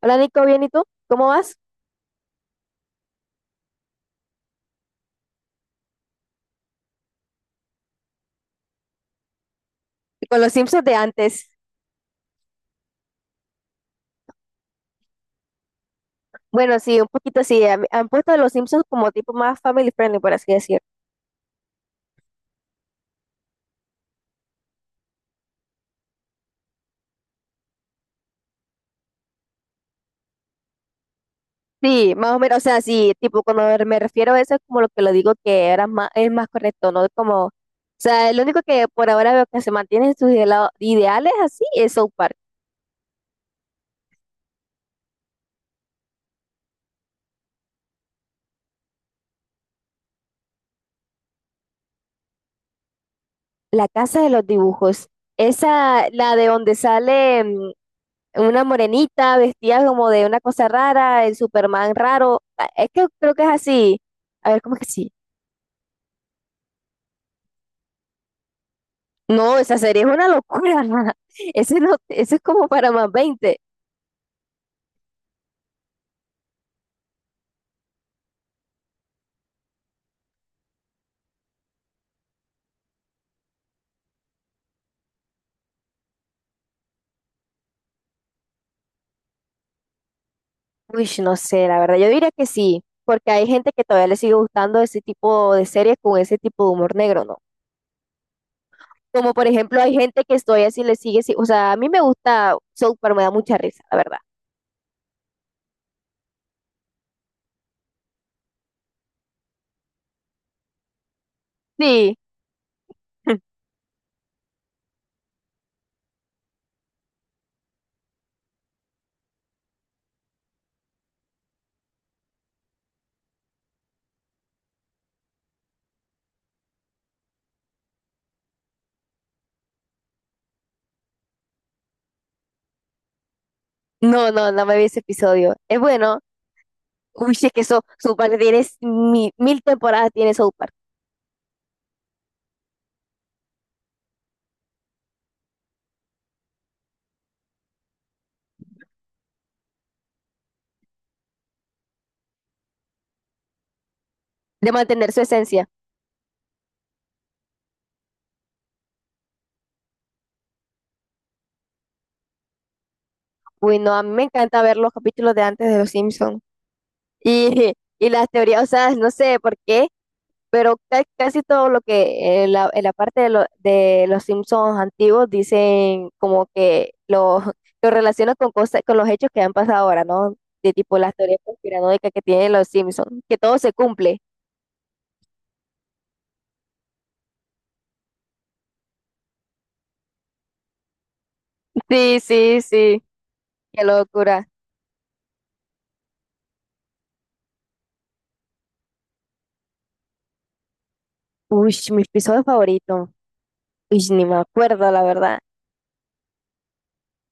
Hola Nico, bien, ¿y tú? ¿Cómo vas? Con los Simpsons de antes. Bueno, sí, un poquito sí. Han puesto a los Simpsons como tipo más family friendly, por así decir. Sí, más o menos, o sea, sí, tipo cuando me refiero a eso es como lo que lo digo que era más, es más correcto, ¿no? Como, o sea, lo único que por ahora veo que se mantiene en sus ideales así es South Park. La casa de los dibujos. Esa, la de donde sale una morenita vestida como de una cosa rara, el Superman raro. Ah, es que creo que es así. A ver, ¿cómo es que sí? No, esa serie es una locura. Ese no, ese es como para más 20. Uy, no sé, la verdad. Yo diría que sí, porque hay gente que todavía le sigue gustando ese tipo de series con ese tipo de humor negro, ¿no? Como por ejemplo, hay gente que todavía sí le sigue, o sea, a mí me gusta South Park, me da mucha risa, la verdad. Sí. No, no, no me vi ese episodio. Es bueno. Uy, es que eso, South Park tiene mil, mil temporadas, tiene South Park, de mantener su esencia. Uy, no, a mí me encanta ver los capítulos de antes de Los Simpsons. Y, y las teorías, o sea, no sé por qué, pero casi todo lo que en la parte de, de los Simpsons antiguos dicen como que lo, lo relacionan con cosas, con los hechos que han pasado ahora, ¿no? De tipo las teorías conspiranoicas que tienen los Simpsons, que todo se cumple. Sí, sí, sí, qué locura. Uy, mi episodio favorito. Uy, ni me acuerdo, la verdad.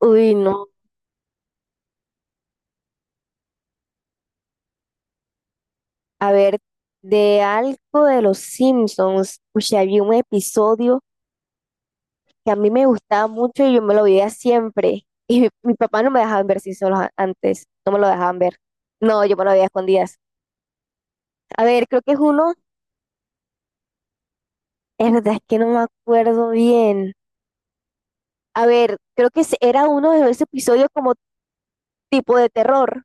Uy, no. A ver, de algo de los Simpsons. Uy, había un episodio que a mí me gustaba mucho y yo me lo veía siempre. Y mi papá no me dejaban ver si solo antes, no me lo dejaban ver. No, yo me lo veía a escondidas. A ver, creo que es uno, es verdad, es que no me acuerdo bien. A ver, creo que era uno de esos episodios como tipo de terror.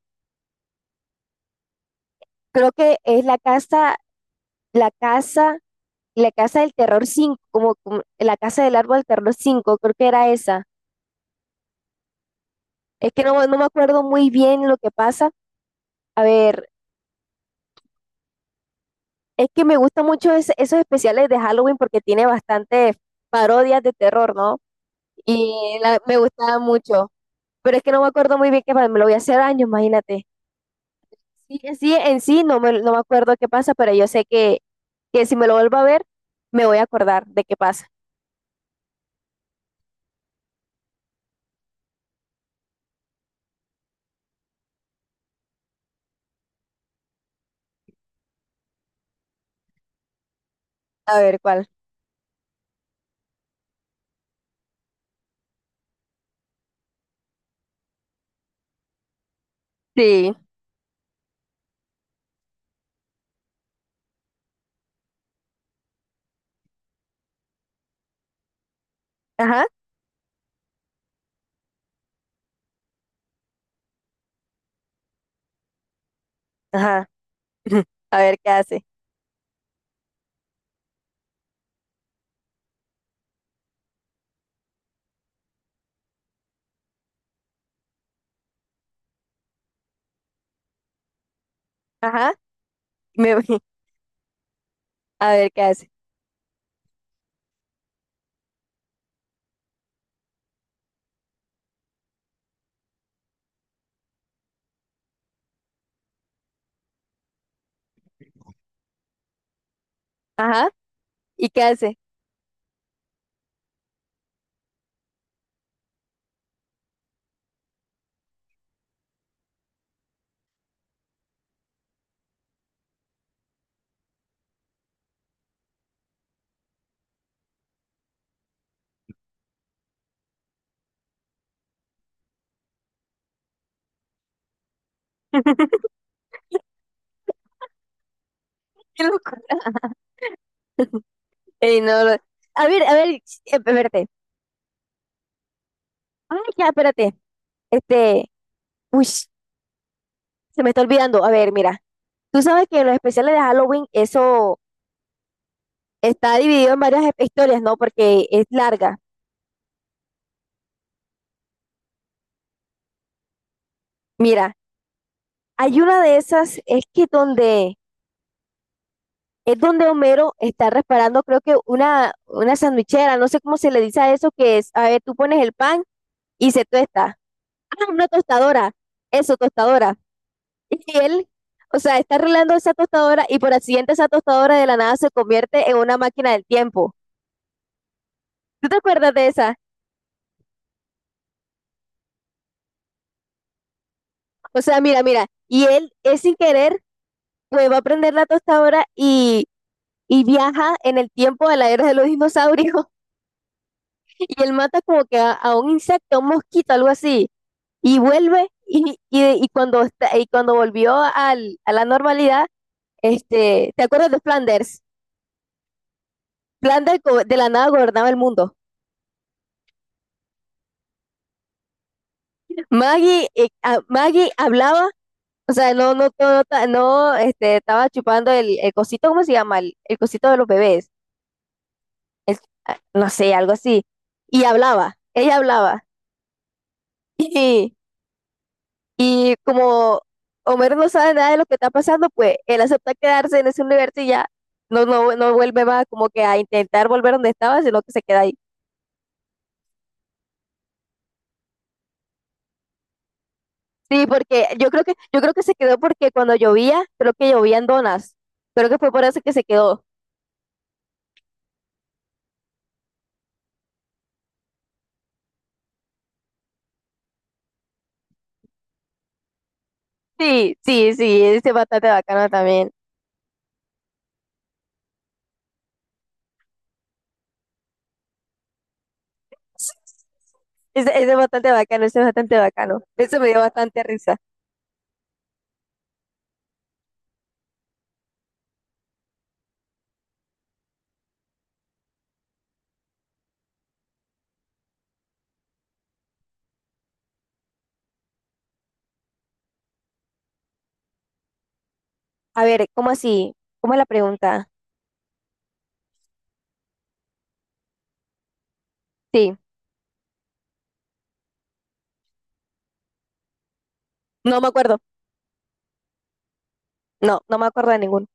Creo que es la casa, la casa del terror 5 como, la casa del árbol del terror 5 creo que era esa. Es que no, no me acuerdo muy bien lo que pasa. A ver, es que me gusta mucho esos especiales de Halloween porque tiene bastantes parodias de terror, ¿no? Y me gustaba mucho. Pero es que no me acuerdo muy bien qué pasa. Me lo voy a hacer años, imagínate. Sí, sí, en sí no me acuerdo qué pasa, pero yo sé que si me lo vuelvo a ver, me voy a acordar de qué pasa. A ver cuál. Sí. Ajá. Ajá. A ver qué hace. Ajá. Me, a ver qué hace. Ajá. ¿Y qué hace? Qué locura. Ey, no, a ver, espérate. Ah, ya, espérate. Este, uy, se me está olvidando. A ver, mira, tú sabes que en los especiales de Halloween eso está dividido en varias historias, ¿no? Porque es larga. Mira, hay una de esas, es que donde, es donde Homero está reparando, creo que una sandwichera, no sé cómo se le dice a eso, que es, a ver, tú pones el pan y se tuesta. Ah, una tostadora, eso, tostadora. Y él, o sea, está arreglando esa tostadora y por accidente esa tostadora de la nada se convierte en una máquina del tiempo. ¿Tú te acuerdas de esa? O sea, mira, mira, y él es sin querer, pues va a prender la tostadora y viaja en el tiempo de la era de los dinosaurios y él mata como que a, un insecto, un mosquito, algo así, y vuelve y cuando, y cuando volvió al, a la normalidad, este, ¿te acuerdas de Flanders? Flanders de la nada gobernaba el mundo. Maggie, Maggie hablaba, o sea, no, no, no, no, no, este, estaba chupando el cosito, ¿cómo se llama? El cosito de los bebés. es- ah, no sé, algo así. Y hablaba, ella hablaba. Y, y como Homero no sabe nada de lo que está pasando, pues él acepta quedarse en ese universo y ya no, no, no vuelve más como que a intentar volver donde estaba, sino que se queda ahí. Sí, porque yo creo que se quedó porque cuando llovía, creo que llovían donas. Creo que fue por eso que se quedó. Sí, sí, sí, ese es bastante bacano también. Ese es bastante bacano, ese es bastante bacano. Eso me dio bastante risa. A ver, ¿cómo así? ¿Cómo es la pregunta? Sí. No me acuerdo. No, no me acuerdo de ninguno.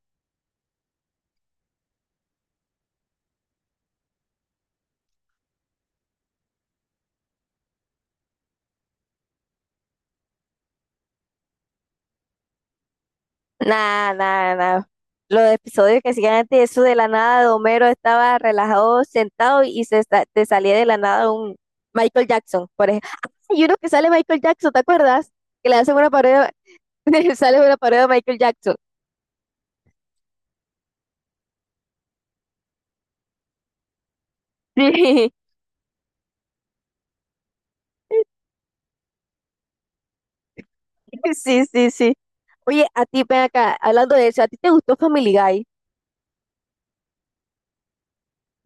Nada, nada, nada. Los episodios que siguen antes, eso de la nada de Homero estaba relajado, sentado y te salía de la nada un Michael Jackson, por ejemplo. Y uno que sale Michael Jackson, ¿te acuerdas? Que le hacen una parodia, sale una parodia de Michael Jackson. Sí, sí, sí, sí. Oye, a ti, ven acá, hablando de eso, ¿a ti te gustó Family Guy?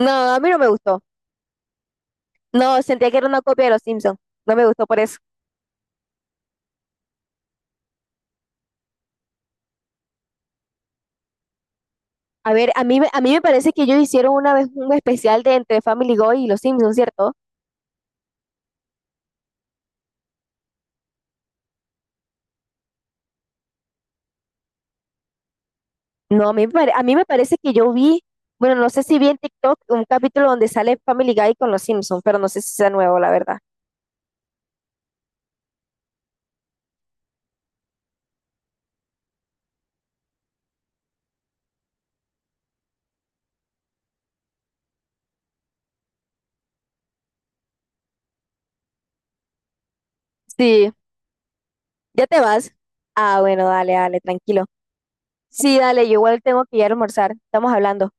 No, a mí no me gustó. No, sentía que era una copia de Los Simpsons. No me gustó por eso. A ver, a mí, a mí me parece que ellos hicieron una vez un especial de entre Family Guy y los Simpsons, ¿cierto? No, a mí me parece que yo vi, bueno, no sé si vi en TikTok un capítulo donde sale Family Guy con los Simpsons, pero no sé si sea nuevo, la verdad. Sí, ¿ya te vas? Ah, bueno, dale, dale, tranquilo. Sí, dale, yo igual tengo que ir a almorzar. Estamos hablando.